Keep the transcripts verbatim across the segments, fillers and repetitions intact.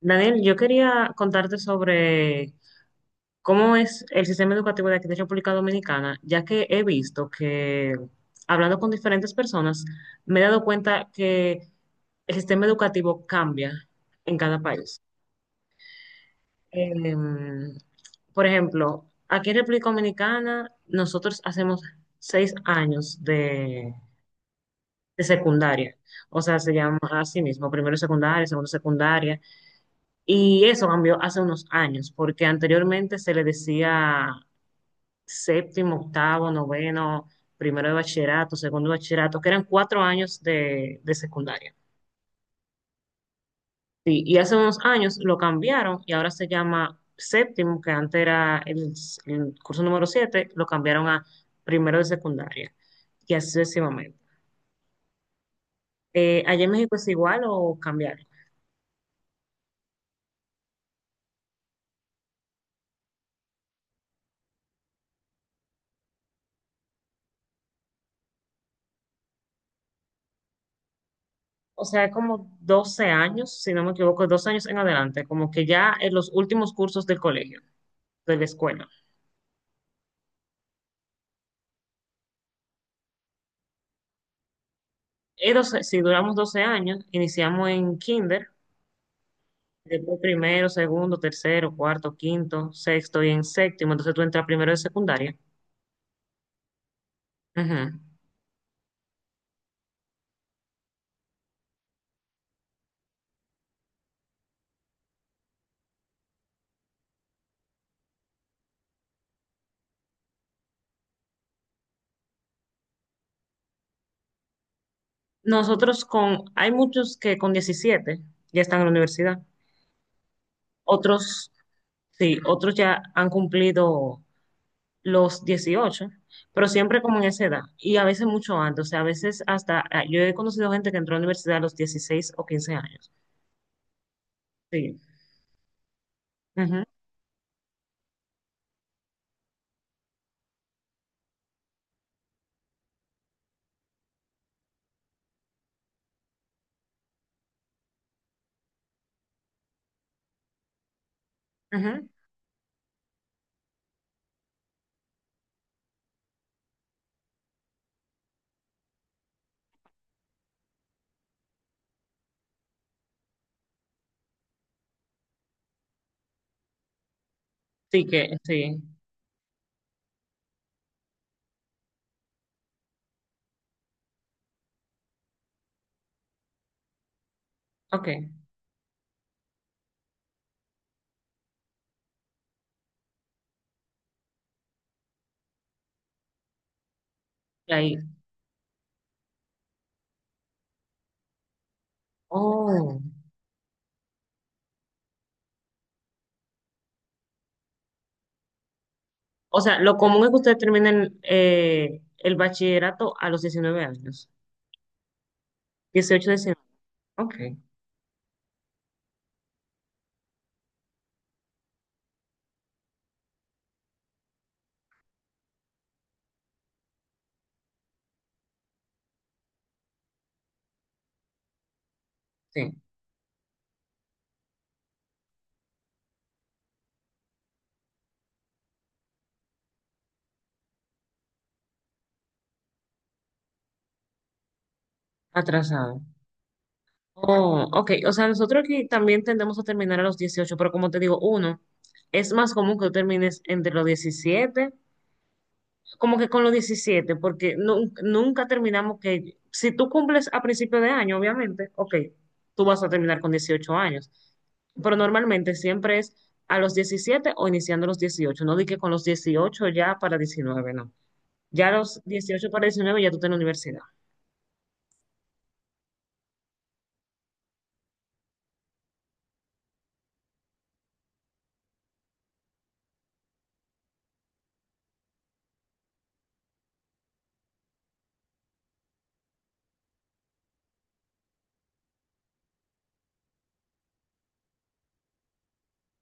Daniel, yo quería contarte sobre cómo es el sistema educativo de aquí de República Dominicana, ya que he visto que, hablando con diferentes personas, me he dado cuenta que el sistema educativo cambia en cada país. Em, por ejemplo, aquí en República Dominicana nosotros hacemos seis años de, de secundaria, o sea, se llama así mismo, primero secundaria, segundo secundaria. Y eso cambió hace unos años, porque anteriormente se le decía séptimo, octavo, noveno, primero de bachillerato, segundo de bachillerato, que eran cuatro años de, de secundaria. Sí, y hace unos años lo cambiaron y ahora se llama séptimo, que antes era el, el curso número siete, lo cambiaron a primero de secundaria y así sucesivamente. Eh, ¿allá en México es igual o cambiaron? O sea, es como doce años, si no me equivoco, doce años en adelante, como que ya en los últimos cursos del colegio, de la escuela. Y doce, si duramos doce años, iniciamos en kinder, después primero, segundo, tercero, cuarto, quinto, sexto y en séptimo, entonces tú entras primero de secundaria. Ujú. Nosotros con, hay muchos que con diecisiete ya están en la universidad, otros, sí, otros ya han cumplido los dieciocho, pero siempre como en esa edad y a veces mucho antes, o sea, a veces hasta, ah, yo he conocido gente que entró a la universidad a los dieciséis o quince años. Sí. Ujú, ujú. Sí que, sí. Ok, y ahí. Oh. O sea, lo común es que ustedes terminen eh, el bachillerato a los diecinueve años. Dieciocho, diecinueve. Ok, sí, atrasado. Oh, ok. O sea, nosotros aquí también tendemos a terminar a los dieciocho, pero como te digo, uno, es más común que tú termines entre los diecisiete, como que con los diecisiete, porque nu- nunca terminamos que, si tú cumples a principio de año, obviamente, ok, tú vas a terminar con dieciocho años, pero normalmente siempre es a los diecisiete o iniciando los dieciocho, no di que con los dieciocho ya para diecinueve, no. Ya a los dieciocho para diecinueve ya tú estás en la universidad.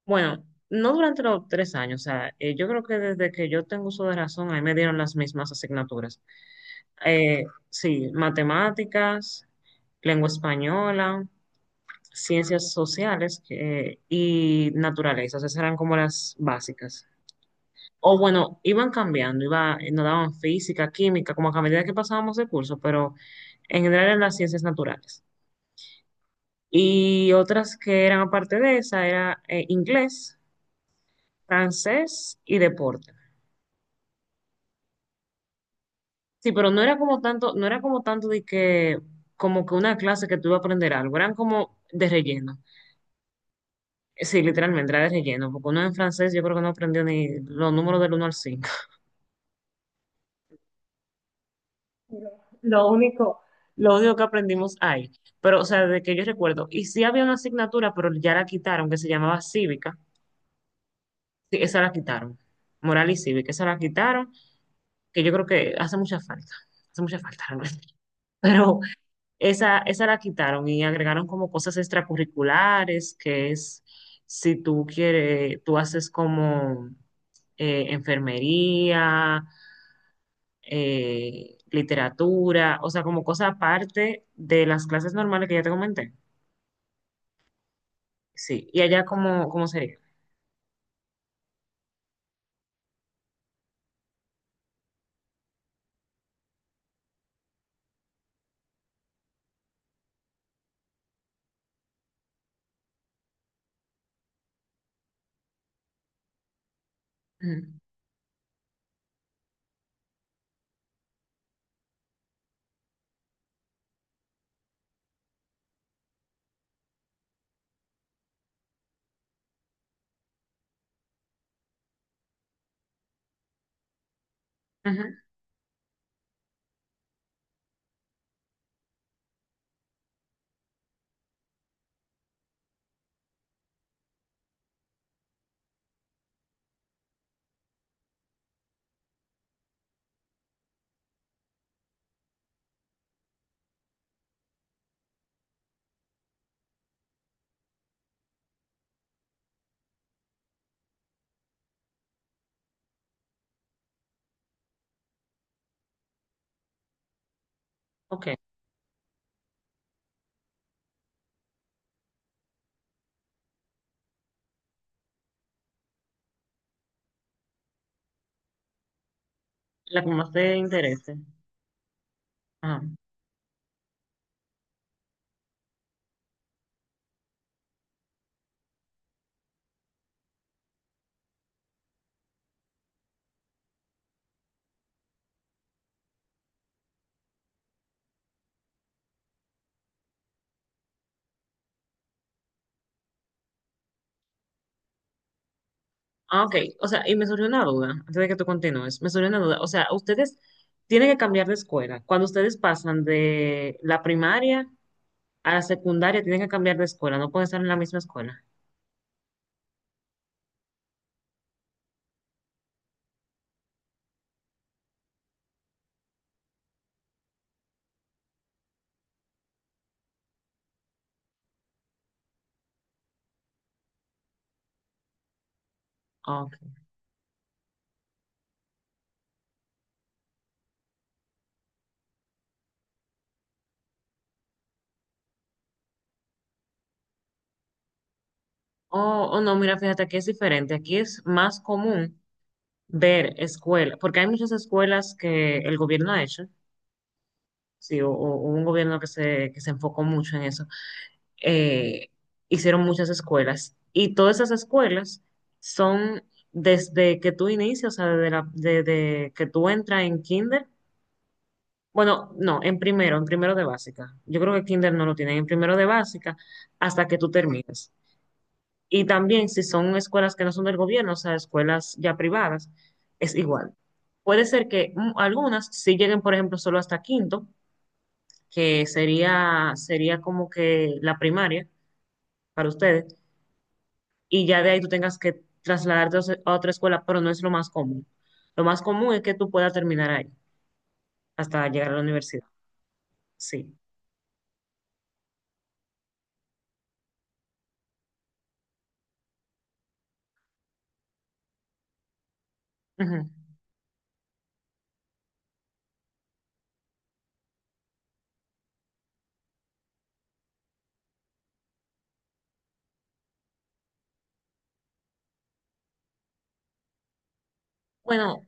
Bueno, no durante los tres años, o sea, eh, yo creo que desde que yo tengo uso de razón, ahí me dieron las mismas asignaturas. Eh, sí, matemáticas, lengua española, ciencias sociales, eh, y naturalezas, esas eran como las básicas. O bueno, iban cambiando, iba, eh, nos daban física, química, como que a medida que pasábamos el curso, pero en general eran las ciencias naturales. Y otras que eran aparte de esa era eh, inglés, francés y deporte. Sí, pero no era como tanto, no era como tanto de que, como que una clase que tú ibas a aprender algo, eran como de relleno. Sí, literalmente era de relleno, porque uno en francés yo creo que no aprendió ni los números del uno al cinco. Lo único, lo único que aprendimos ahí, pero o sea, de que yo recuerdo, y sí había una asignatura, pero ya la quitaron, que se llamaba cívica, sí, esa la quitaron, moral y cívica, esa la quitaron, que yo creo que hace mucha falta, hace mucha falta realmente, pero esa, esa la quitaron y agregaron como cosas extracurriculares, que es si tú quieres, tú haces como eh, enfermería, eh, literatura, o sea, como cosa aparte de las clases normales que ya te comenté. Sí, y allá cómo cómo sería. Ujú. Ujú. Ok, la que más te interese. Ajá. Ah, ok, o sea, y me surgió una duda, antes de que tú continúes, me surgió una duda, o sea, ustedes tienen que cambiar de escuela. Cuando ustedes pasan de la primaria a la secundaria, tienen que cambiar de escuela, no pueden estar en la misma escuela. Ah, ok. Oh, oh, no, mira, fíjate, aquí es diferente, aquí es más común ver escuelas, porque hay muchas escuelas que el gobierno ha hecho, sí, o, o hubo un gobierno que se, que se enfocó mucho en eso, eh, hicieron muchas escuelas y todas esas escuelas son desde que tú inicias, o sea, desde, la- desde que tú entras en kinder, bueno, no, en primero, en primero de básica, yo creo que kinder no lo tienen, en primero de básica hasta que tú terminas. Y también si son escuelas que no son del gobierno, o sea, escuelas ya privadas, es igual. Puede ser que mm, algunas sí lleguen, por ejemplo, solo hasta quinto, que sería, sería como que la primaria para ustedes, y ya de ahí tú tengas que trasladarte a os- a otra escuela, pero no es lo más común. Lo más común es que tú puedas terminar ahí hasta llegar a la universidad. Sí. Ujú. Bueno,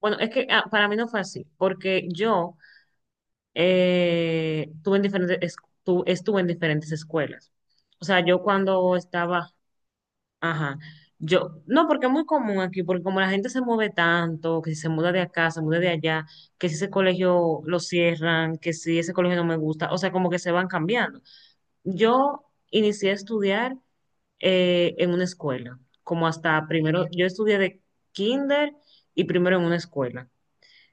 bueno, es que ah, para mí no fue así, porque yo eh, tuve en diferentes, es- tu- estuve en diferentes escuelas. O sea, yo cuando estaba, ajá, yo, no, porque es muy común aquí, porque como la gente se mueve tanto, que si se muda de acá, se muda de allá, que si ese colegio lo cierran, que si ese colegio no me gusta, o sea, como que se van cambiando. Yo inicié a estudiar eh, en una escuela, como hasta primero, yo estudié de kinder y primero en una escuela.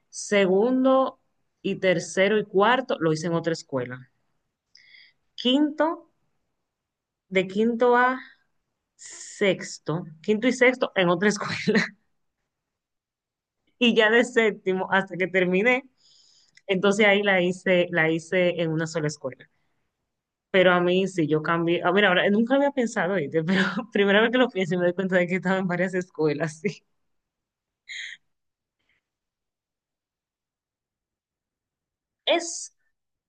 Segundo y tercero y cuarto lo hice en otra escuela, quinto, de quinto a sexto, quinto y sexto en otra escuela. Y ya de séptimo hasta que terminé, entonces ahí la hice, la hice en una sola escuela. Pero a mí sí, yo cambié. A ver, ahora nunca había pensado, ¿oíste? Pero primera vez que lo pienso y me doy cuenta de que estaba en varias escuelas, sí. Es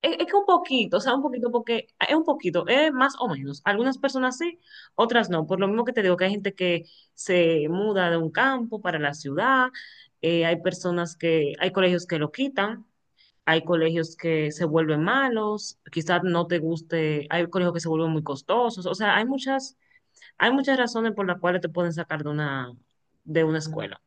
Es, es que un poquito, o sea, un poquito, porque es un poquito, es más o menos. Algunas personas sí, otras no. Por lo mismo que te digo que hay gente que se muda de un campo para la ciudad, eh, hay personas que, hay colegios que lo quitan, hay colegios que se vuelven malos, quizás no te guste, hay colegios que se vuelven muy costosos. O sea, hay muchas, hay muchas razones por las cuales te pueden sacar de una, de una escuela,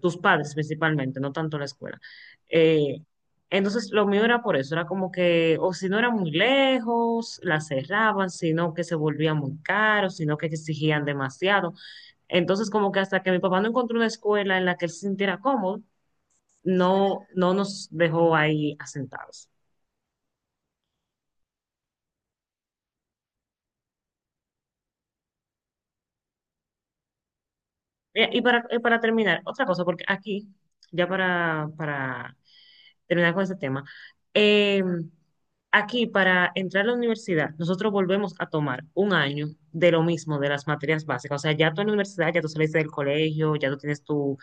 tus padres principalmente, no tanto la escuela. Eh, entonces, lo mío era por eso, era como que, o si no era muy lejos, la cerraban, sino que se volvía muy caro, sino que exigían demasiado. Entonces, como que hasta que mi papá no encontró una escuela en la que él se sintiera cómodo, no, no nos dejó ahí asentados. Eh, Y para, y para terminar, otra cosa, porque aquí, ya para, para terminar con ese tema. Eh, Aquí, para entrar a la universidad, nosotros volvemos a tomar un año de lo mismo, de las materias básicas. O sea, ya tú en la universidad, ya tú saliste del colegio, ya tú tienes tu,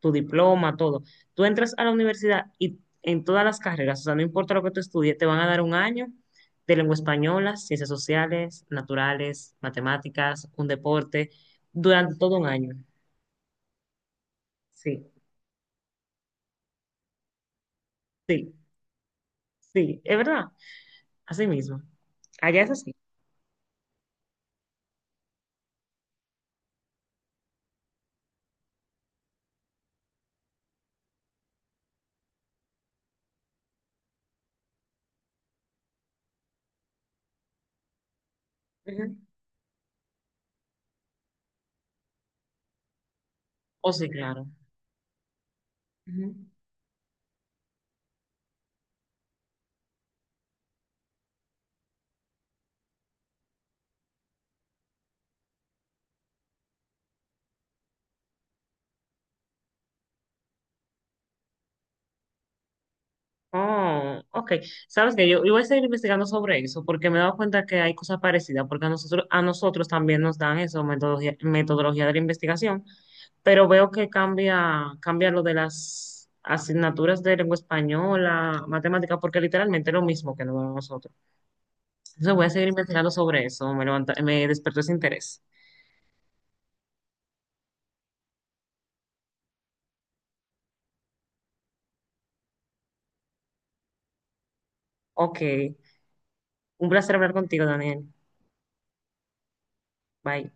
tu diploma, todo. Tú entras a la universidad y en todas las carreras, o sea, no importa lo que tú estudies, te van a dar un año de lengua española, ciencias sociales, naturales, matemáticas, un deporte, durante todo un año. Sí, sí, sí, es verdad, así mismo. Allá es así. Ujú. Oh, sí, claro. Ujú. Oh, ok. Sabes que yo, yo voy a seguir investigando sobre eso porque me he dado cuenta que hay cosas parecidas, porque a nosotros, a nosotros también nos dan eso, metodología, metodología de la investigación, pero veo que cambia, cambia lo de las asignaturas de lengua española, matemática, porque literalmente es lo mismo que nos dan a nosotros. Entonces voy a seguir investigando sobre eso, me levanta, me despertó ese interés. Ok, un placer hablar contigo, Daniel. Bye.